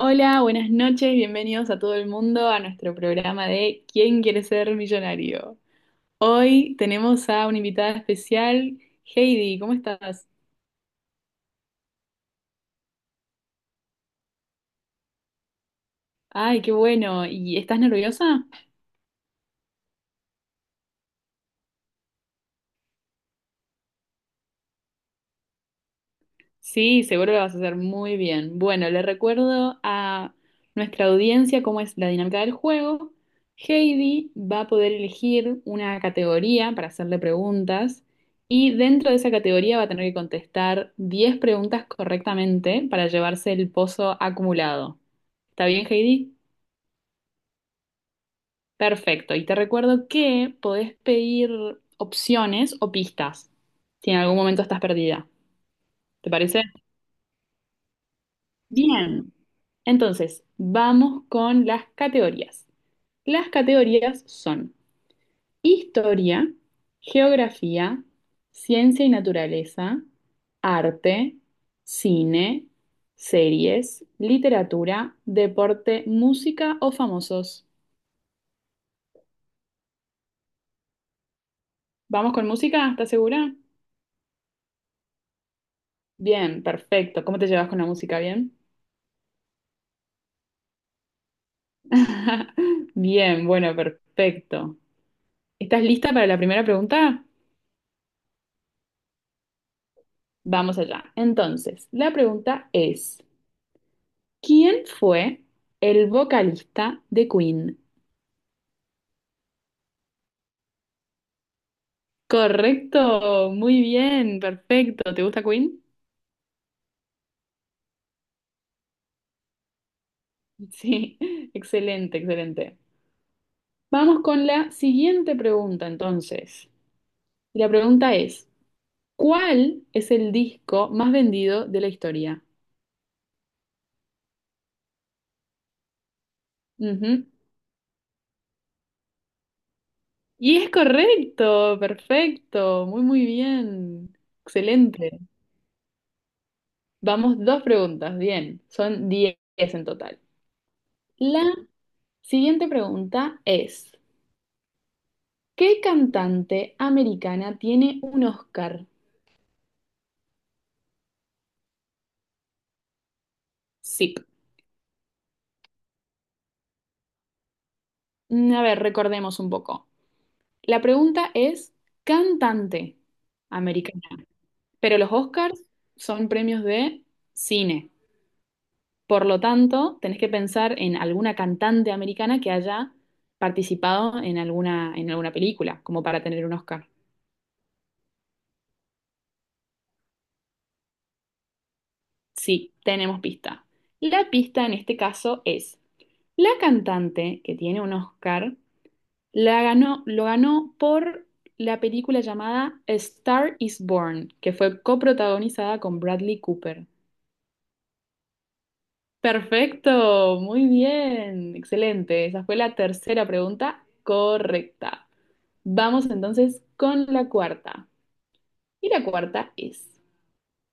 Hola, buenas noches, bienvenidos a todo el mundo a nuestro programa de ¿Quién quiere ser millonario? Hoy tenemos a una invitada especial, Heidi, ¿cómo estás? Ay, qué bueno. ¿Y estás nerviosa? Sí, seguro lo vas a hacer muy bien. Bueno, le recuerdo a nuestra audiencia cómo es la dinámica del juego. Heidi va a poder elegir una categoría para hacerle preguntas y dentro de esa categoría va a tener que contestar 10 preguntas correctamente para llevarse el pozo acumulado. ¿Está bien, Heidi? Perfecto. Y te recuerdo que podés pedir opciones o pistas si en algún momento estás perdida. ¿Te parece? Bien, entonces vamos con las categorías. Las categorías son historia, geografía, ciencia y naturaleza, arte, cine, series, literatura, deporte, música o famosos. ¿Vamos con música? ¿Estás segura? Bien, perfecto. ¿Cómo te llevas con la música? ¿Bien? Bien, bueno, perfecto. ¿Estás lista para la primera pregunta? Vamos allá. Entonces, la pregunta es, ¿quién fue el vocalista de Queen? Correcto, muy bien, perfecto. ¿Te gusta Queen? Sí, excelente, excelente. Vamos con la siguiente pregunta entonces. Y la pregunta es, ¿cuál es el disco más vendido de la historia? Ujú. Y es correcto, perfecto, muy, muy bien, excelente. Vamos dos preguntas, bien, son 10 en total. La siguiente pregunta es, ¿qué cantante americana tiene un Oscar? Sí. Mm, a ver, recordemos un poco. La pregunta es, cantante americana, pero los Oscars son premios de cine. Por lo tanto, tenés que pensar en alguna cantante americana que haya participado en alguna película, como para tener un Oscar. Sí, tenemos pista. La pista en este caso es, la cantante que tiene un Oscar la ganó, lo ganó por la película llamada A Star is Born, que fue coprotagonizada con Bradley Cooper. Perfecto, muy bien, excelente. Esa fue la tercera pregunta correcta. Vamos entonces con la cuarta. Y la cuarta es,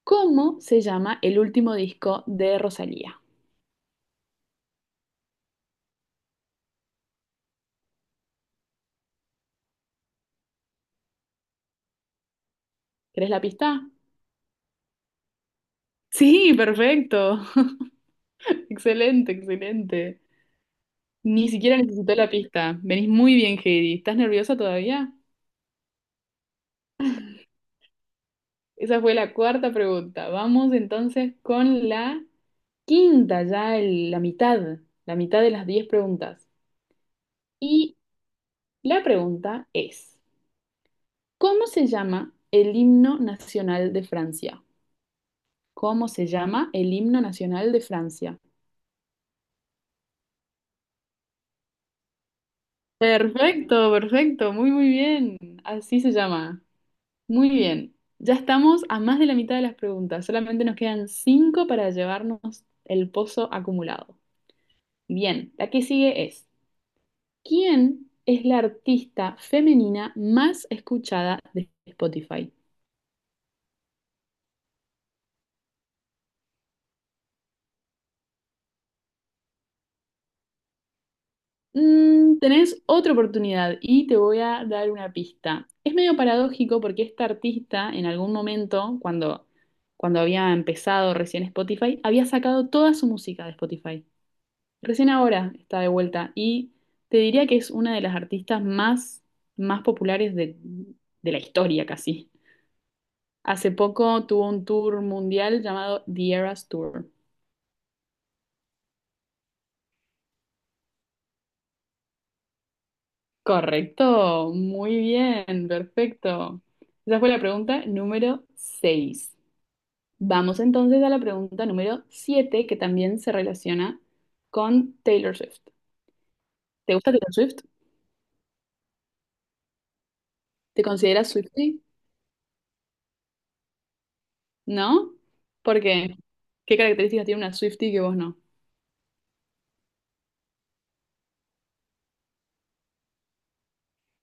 ¿cómo se llama el último disco de Rosalía? ¿Querés la pista? Sí, perfecto. Excelente, excelente. Ni siquiera necesité la pista. Venís muy bien, Heidi. ¿Estás nerviosa todavía? Esa fue la cuarta pregunta. Vamos entonces con la quinta, ya la mitad de las 10 preguntas. Y la pregunta es, ¿cómo se llama el himno nacional de Francia? ¿Cómo se llama el himno nacional de Francia? Perfecto, perfecto. Muy, muy bien. Así se llama. Muy bien, ya estamos a más de la mitad de las preguntas, solamente nos quedan cinco para llevarnos el pozo acumulado. Bien, la que sigue es, ¿quién es la artista femenina más escuchada de Spotify? Mm, tenés otra oportunidad y te voy a dar una pista. Es medio paradójico porque esta artista en algún momento, cuando, cuando había empezado recién Spotify, había sacado toda su música de Spotify. Recién ahora está de vuelta y te diría que es una de las artistas más, más populares de la historia casi. Hace poco tuvo un tour mundial llamado The Eras Tour. Correcto, muy bien, perfecto. Esa fue la pregunta número 6. Vamos entonces a la pregunta número 7 que también se relaciona con Taylor Swift. ¿Te gusta Taylor Swift? ¿Te consideras Swiftie? ¿No? ¿Por qué? ¿Qué características tiene una Swiftie que vos no?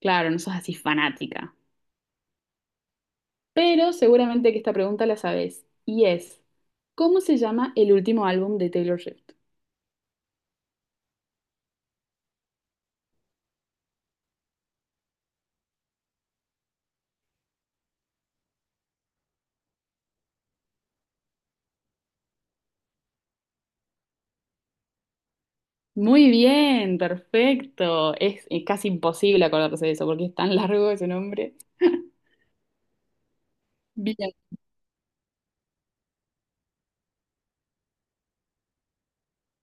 Claro, no sos así fanática. Pero seguramente que esta pregunta la sabés. Y es, ¿cómo se llama el último álbum de Taylor Swift? Muy bien, perfecto. Es, casi imposible acordarse de eso porque es tan largo ese nombre. Bien.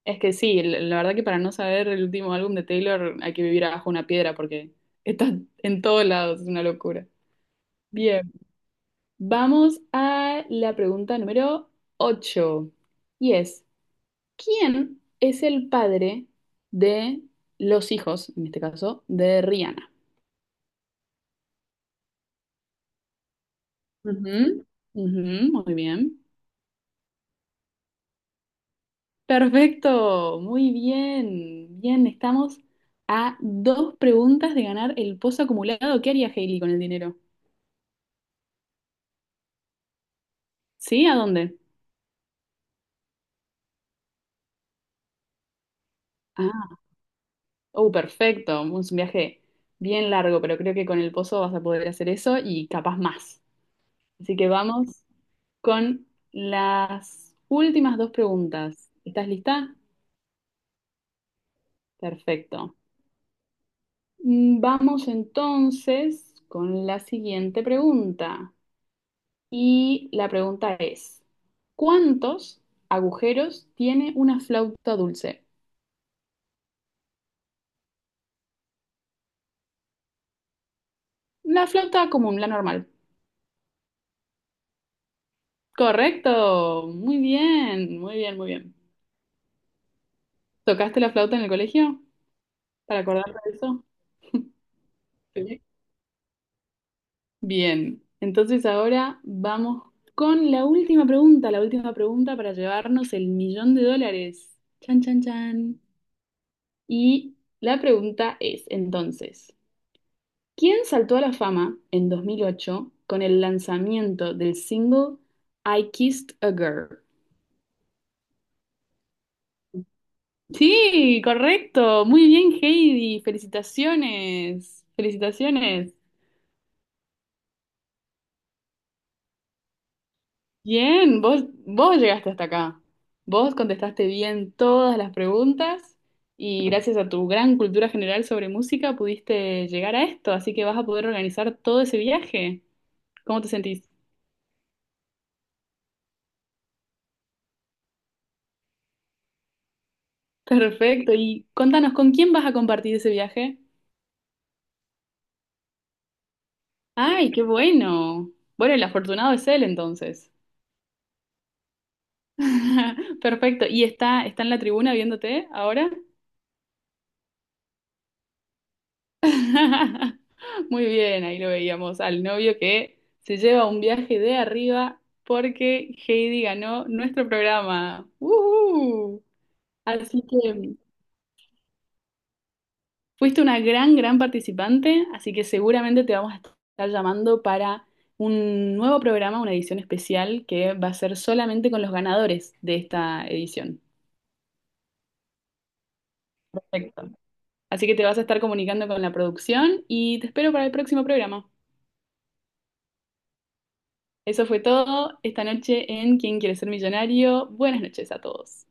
Es que sí, la verdad que para no saber el último álbum de Taylor hay que vivir abajo una piedra porque está en todos lados, es una locura. Bien, vamos a la pregunta número ocho. Y es, ¿quién es el padre de los hijos, en este caso, de Rihanna? Ujú, ujú, muy bien. Perfecto, muy bien. Bien, estamos a dos preguntas de ganar el pozo acumulado. ¿Qué haría Hailey con el dinero? ¿Sí? ¿A dónde? Ah, oh, perfecto. Es un viaje bien largo, pero creo que con el pozo vas a poder hacer eso y capaz más. Así que vamos con las últimas dos preguntas. ¿Estás lista? Perfecto. Mm, vamos entonces con la siguiente pregunta. Y la pregunta es, ¿cuántos agujeros tiene una flauta dulce? La flauta común, la normal. Correcto. Muy bien, muy bien, muy bien. ¿Tocaste la flauta en el colegio? ¿Para acordarte de eso? Sí. Bien. Entonces ahora vamos con la última pregunta para llevarnos el millón de dólares. Chan, chan, chan. Y la pregunta es, entonces, ¿quién saltó a la fama en 2008 con el lanzamiento del single I Kissed a Girl? Sí, correcto. Muy bien, Heidi. Felicitaciones. Felicitaciones. Bien, vos, vos llegaste hasta acá. Vos contestaste bien todas las preguntas y gracias a tu gran cultura general sobre música pudiste llegar a esto, así que vas a poder organizar todo ese viaje. ¿Cómo te sentís? Perfecto. Y contanos, ¿con quién vas a compartir ese viaje? ¡Ay, qué bueno! Bueno, el afortunado es él entonces. Perfecto. ¿Y está, está en la tribuna viéndote ahora? Muy bien, ahí lo veíamos al novio que se lleva un viaje de arriba porque Heidi ganó nuestro programa. ¡Uhú! Así que fuiste una gran, gran participante, así que seguramente te vamos a estar llamando para un nuevo programa, una edición especial que va a ser solamente con los ganadores de esta edición. Perfecto. Así que te vas a estar comunicando con la producción y te espero para el próximo programa. Eso fue todo esta noche en ¿Quién quiere ser millonario? Buenas noches a todos.